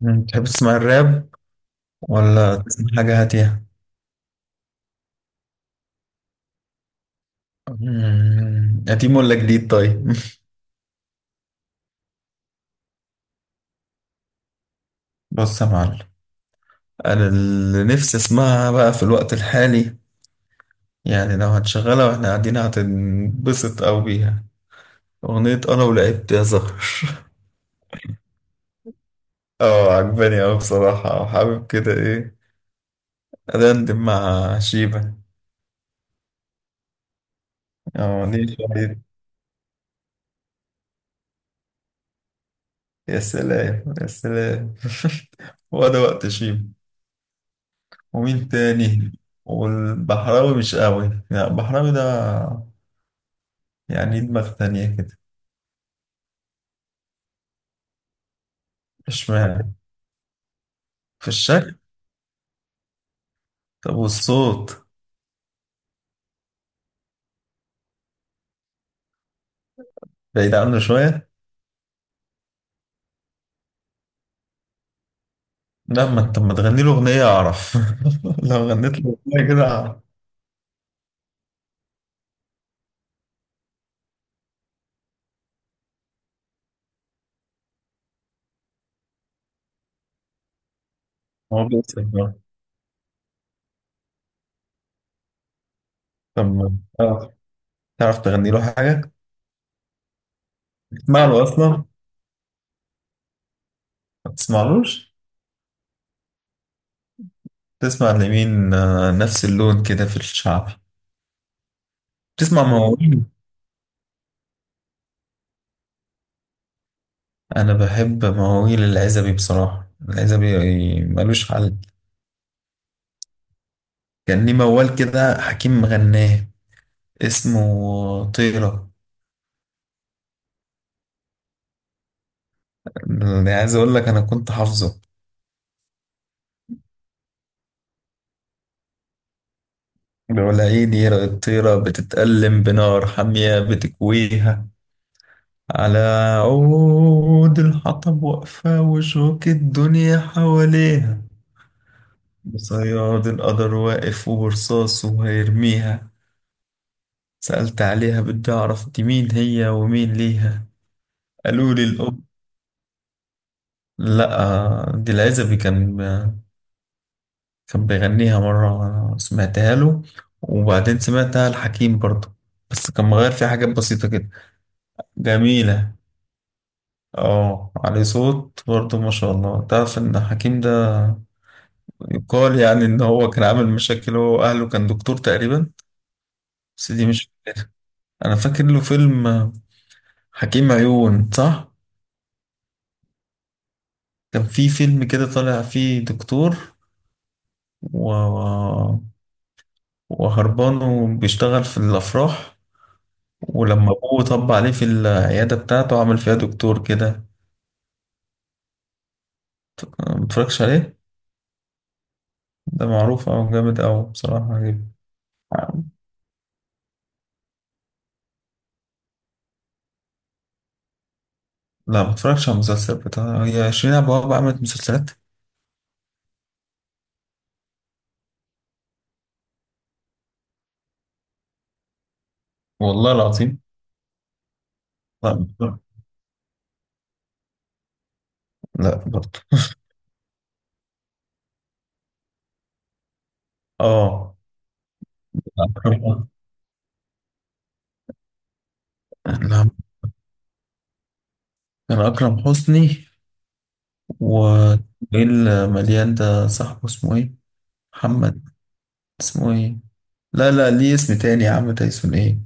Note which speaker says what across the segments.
Speaker 1: تحب تسمع الراب ولا تسمع حاجة هاتية؟ قديم ولا جديد طيب؟ بص يا معلم. أنا اللي نفسي أسمعها بقى في الوقت الحالي، يعني لو هتشغلها وإحنا قاعدين هتنبسط أوي بيها: أغنية أنا ولعبت يا زهر. اه، عجباني أوي بصراحة، وحابب كده إيه، أدندن مع شيبة. اه، ليه شوية. يا سلام يا سلام. هو ده وقت شيبة؟ ومين تاني؟ والبحراوي مش قوي، لا البحراوي ده يعني دماغ تانية كده. اشمعنى؟ في الشكل؟ طب والصوت؟ بعيد عنه شوية. لا، ما انت ما تغني له أغنية أعرف. لو غنيت له أغنية كده أعرف. هو بيوصل بقى. طب تعرف تغني له حاجة؟ تسمع له أصلا؟ ما تسمعلوش. تسمع لمين؟ نفس اللون كده في الشعب. تسمع مواويل؟ أنا بحب مواويل العزبي، بصراحة العزبي ملوش حل. كان ليه موال كده حكيم مغناه، اسمه طيرة. يعني عايز اقول لك انا كنت حافظه. بيقول: عيد يرى الطيرة بتتألم بنار حامية بتكويها، على عود الحطب واقفة وشوك الدنيا حواليها، بصياد القدر واقف وبرصاصه هيرميها، سألت عليها بدي أعرف دي مين هي ومين ليها، قالوا لي الأم. لأ، دي العزبي كان بيغنيها مرة وأنا سمعتها له، وبعدين سمعتها لحكيم برضه، بس كان مغير فيها حاجات بسيطة كده. جميلة. اه، عليه صوت برضه ما شاء الله. تعرف إن حكيم ده يقال يعني إن هو كان عامل مشاكل هو وأهله، كان دكتور تقريبا. بس دي مش... أنا فاكر له فيلم، حكيم عيون، صح؟ كان في فيلم كده طالع فيه دكتور و... وهربان وبيشتغل في الأفراح، ولما ابوه طب عليه في العيادة بتاعته عمل فيها دكتور كده. متفرجش عليه؟ ده معروف أو جامد أوي بصراحة، عجيب. لا، متفرجش على المسلسل بتاع هي، 20 أبواب عملت مسلسلات. والله العظيم. لا متفرج- لا برضه. اه، أكرم. لا، كان أكرم حسني، و... إيه المليان ده صاحبه اسمه إيه؟ محمد... اسمه إيه؟ لا لا، ليه اسم تاني يا عم، تايسون إيه؟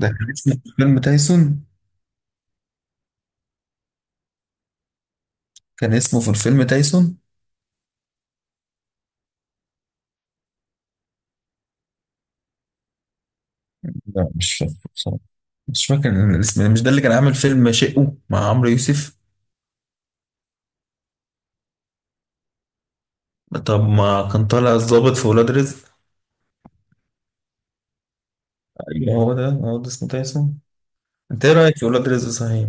Speaker 1: ده كان اسمه في الفيلم تايسون. كان اسمه في الفيلم تايسون. لا، مش فاكر. مش فاكر الاسم. مش ده اللي كان عامل فيلم شقه مع عمرو يوسف؟ طب ما كان طالع الضابط في ولاد رزق. ايوه هو ده، هو ده اسمه تايسون. انت ايه رايك في ولاد رزق صحيح؟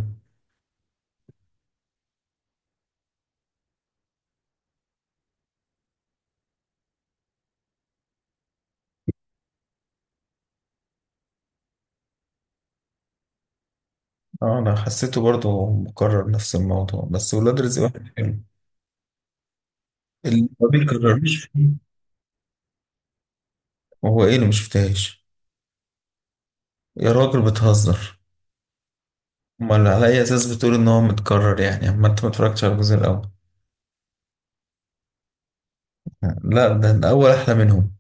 Speaker 1: اه، انا حسيته برضه مكرر نفس الموضوع، بس ولاد رزق واحد حلو، اللي ما بيكررش فيه. هو ايه اللي ما شفتهاش؟ يا راجل، بتهزر؟ امال على اي اساس بتقول ان هو متكرر يعني، اما انت ما اتفرجتش على الجزء الاول؟ لا، ده الاول احلى منهم.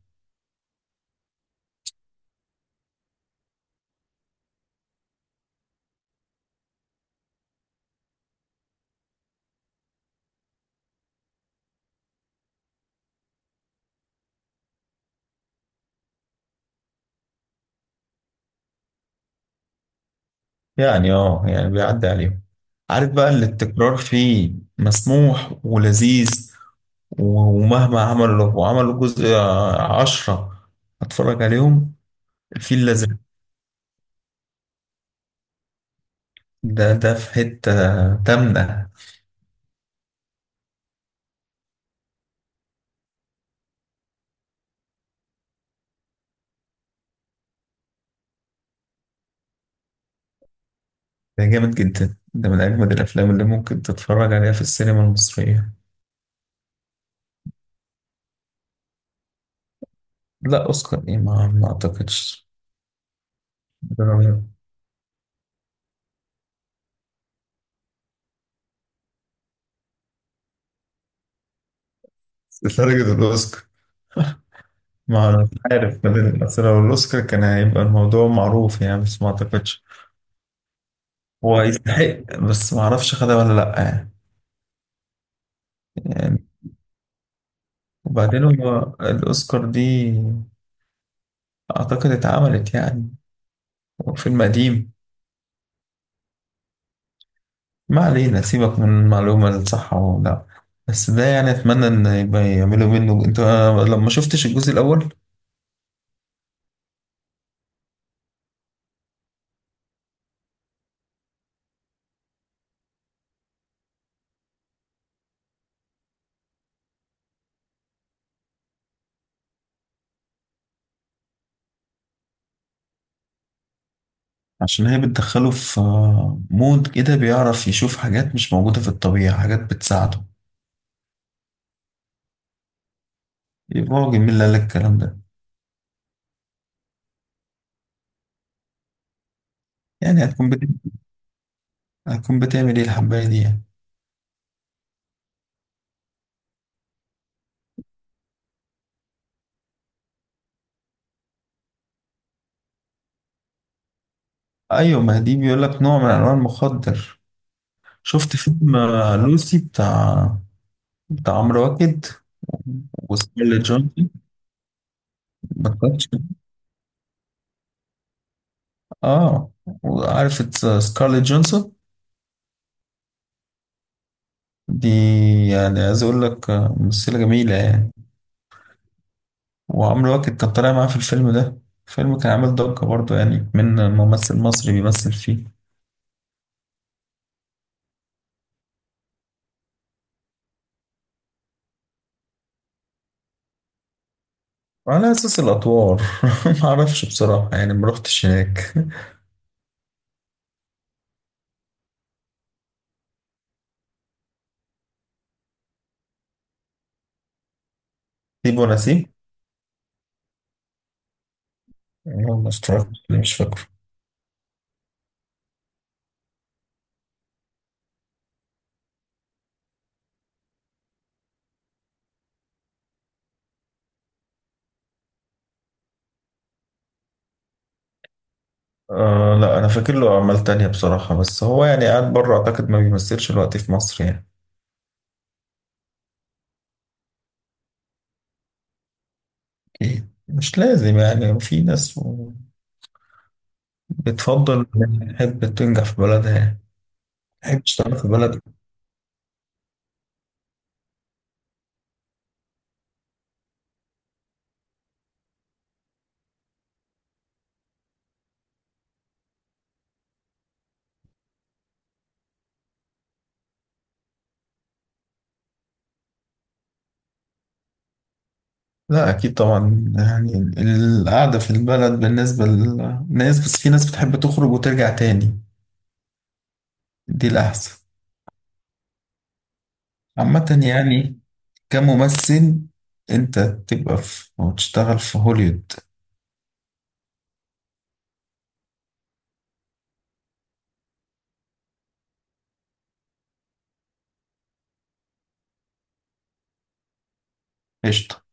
Speaker 1: يعني يعني بيعدي عليهم. عارف بقى اللي التكرار فيه مسموح ولذيذ و- ومهما عملوا وعملوا جزء 10 هتفرج عليهم. الفيل الأزرق، ده في حتة تامنة. ده جامد جدا، ده من أجمد الأفلام اللي ممكن تتفرج عليها في السينما المصرية. لا، أوسكار إيه، ما أعتقدش. لدرجة الأوسكار؟ ما أنا مش عارف، بدل الأسرة والأوسكار كان هيبقى الموضوع معروف يعني، بس ما أعتقدش. هو يستحق بس ما اعرفش خدها ولا لا يعني. يعني... وبعدين هو الاوسكار دي اعتقد اتعملت يعني، فيلم قديم. ما علينا، سيبك من المعلومه الصح او لا، بس ده يعني اتمنى ان يبقى يعملوا منه. انت لما شفتش الجزء الاول؟ عشان هي بتدخله في مود كده بيعرف يشوف حاجات مش موجوده في الطبيعه، حاجات بتساعده. يبقى راجل، مين اللي قال لك الكلام ده؟ يعني هتكون بت... هتكون بتعمل ايه الحبايه دي يعني؟ ايوه، ما دي بيقول لك نوع من انواع المخدر. شفت فيلم لوسي، بتاع عمرو واكد وسكارليت جونسون؟ ما كانتش... اه، وعارف سكارليت جونسون دي، يعني عايز اقول لك ممثلة جميلة يعني. وعمرو واكد كان طالع معاه في الفيلم ده، الفيلم كان عامل ضجة برضه يعني من ممثل مصري بيمثل فيه. وعلى اساس الادوار، ما اعرفش بصراحة يعني ما رحتش هناك. سيب ونسيب؟ والله ما استوعبت، مش فاكر. آه لا، انا فاكر له اعمال تانية بصراحة، بس هو يعني قاعد بره، اعتقد ما بيمثلش الوقت في مصر يعني. اكيد مش لازم، يعني في ناس بتفضل إنها تحب تنجح في بلدها يعني، تحب تشتغل في بلدها. لا، اكيد طبعا يعني، القعدة في البلد بالنسبة للناس، بس في ناس بتحب تخرج وترجع تاني، دي الاحسن عامة يعني. كممثل انت تبقى في وتشتغل في هوليوود. قشطة.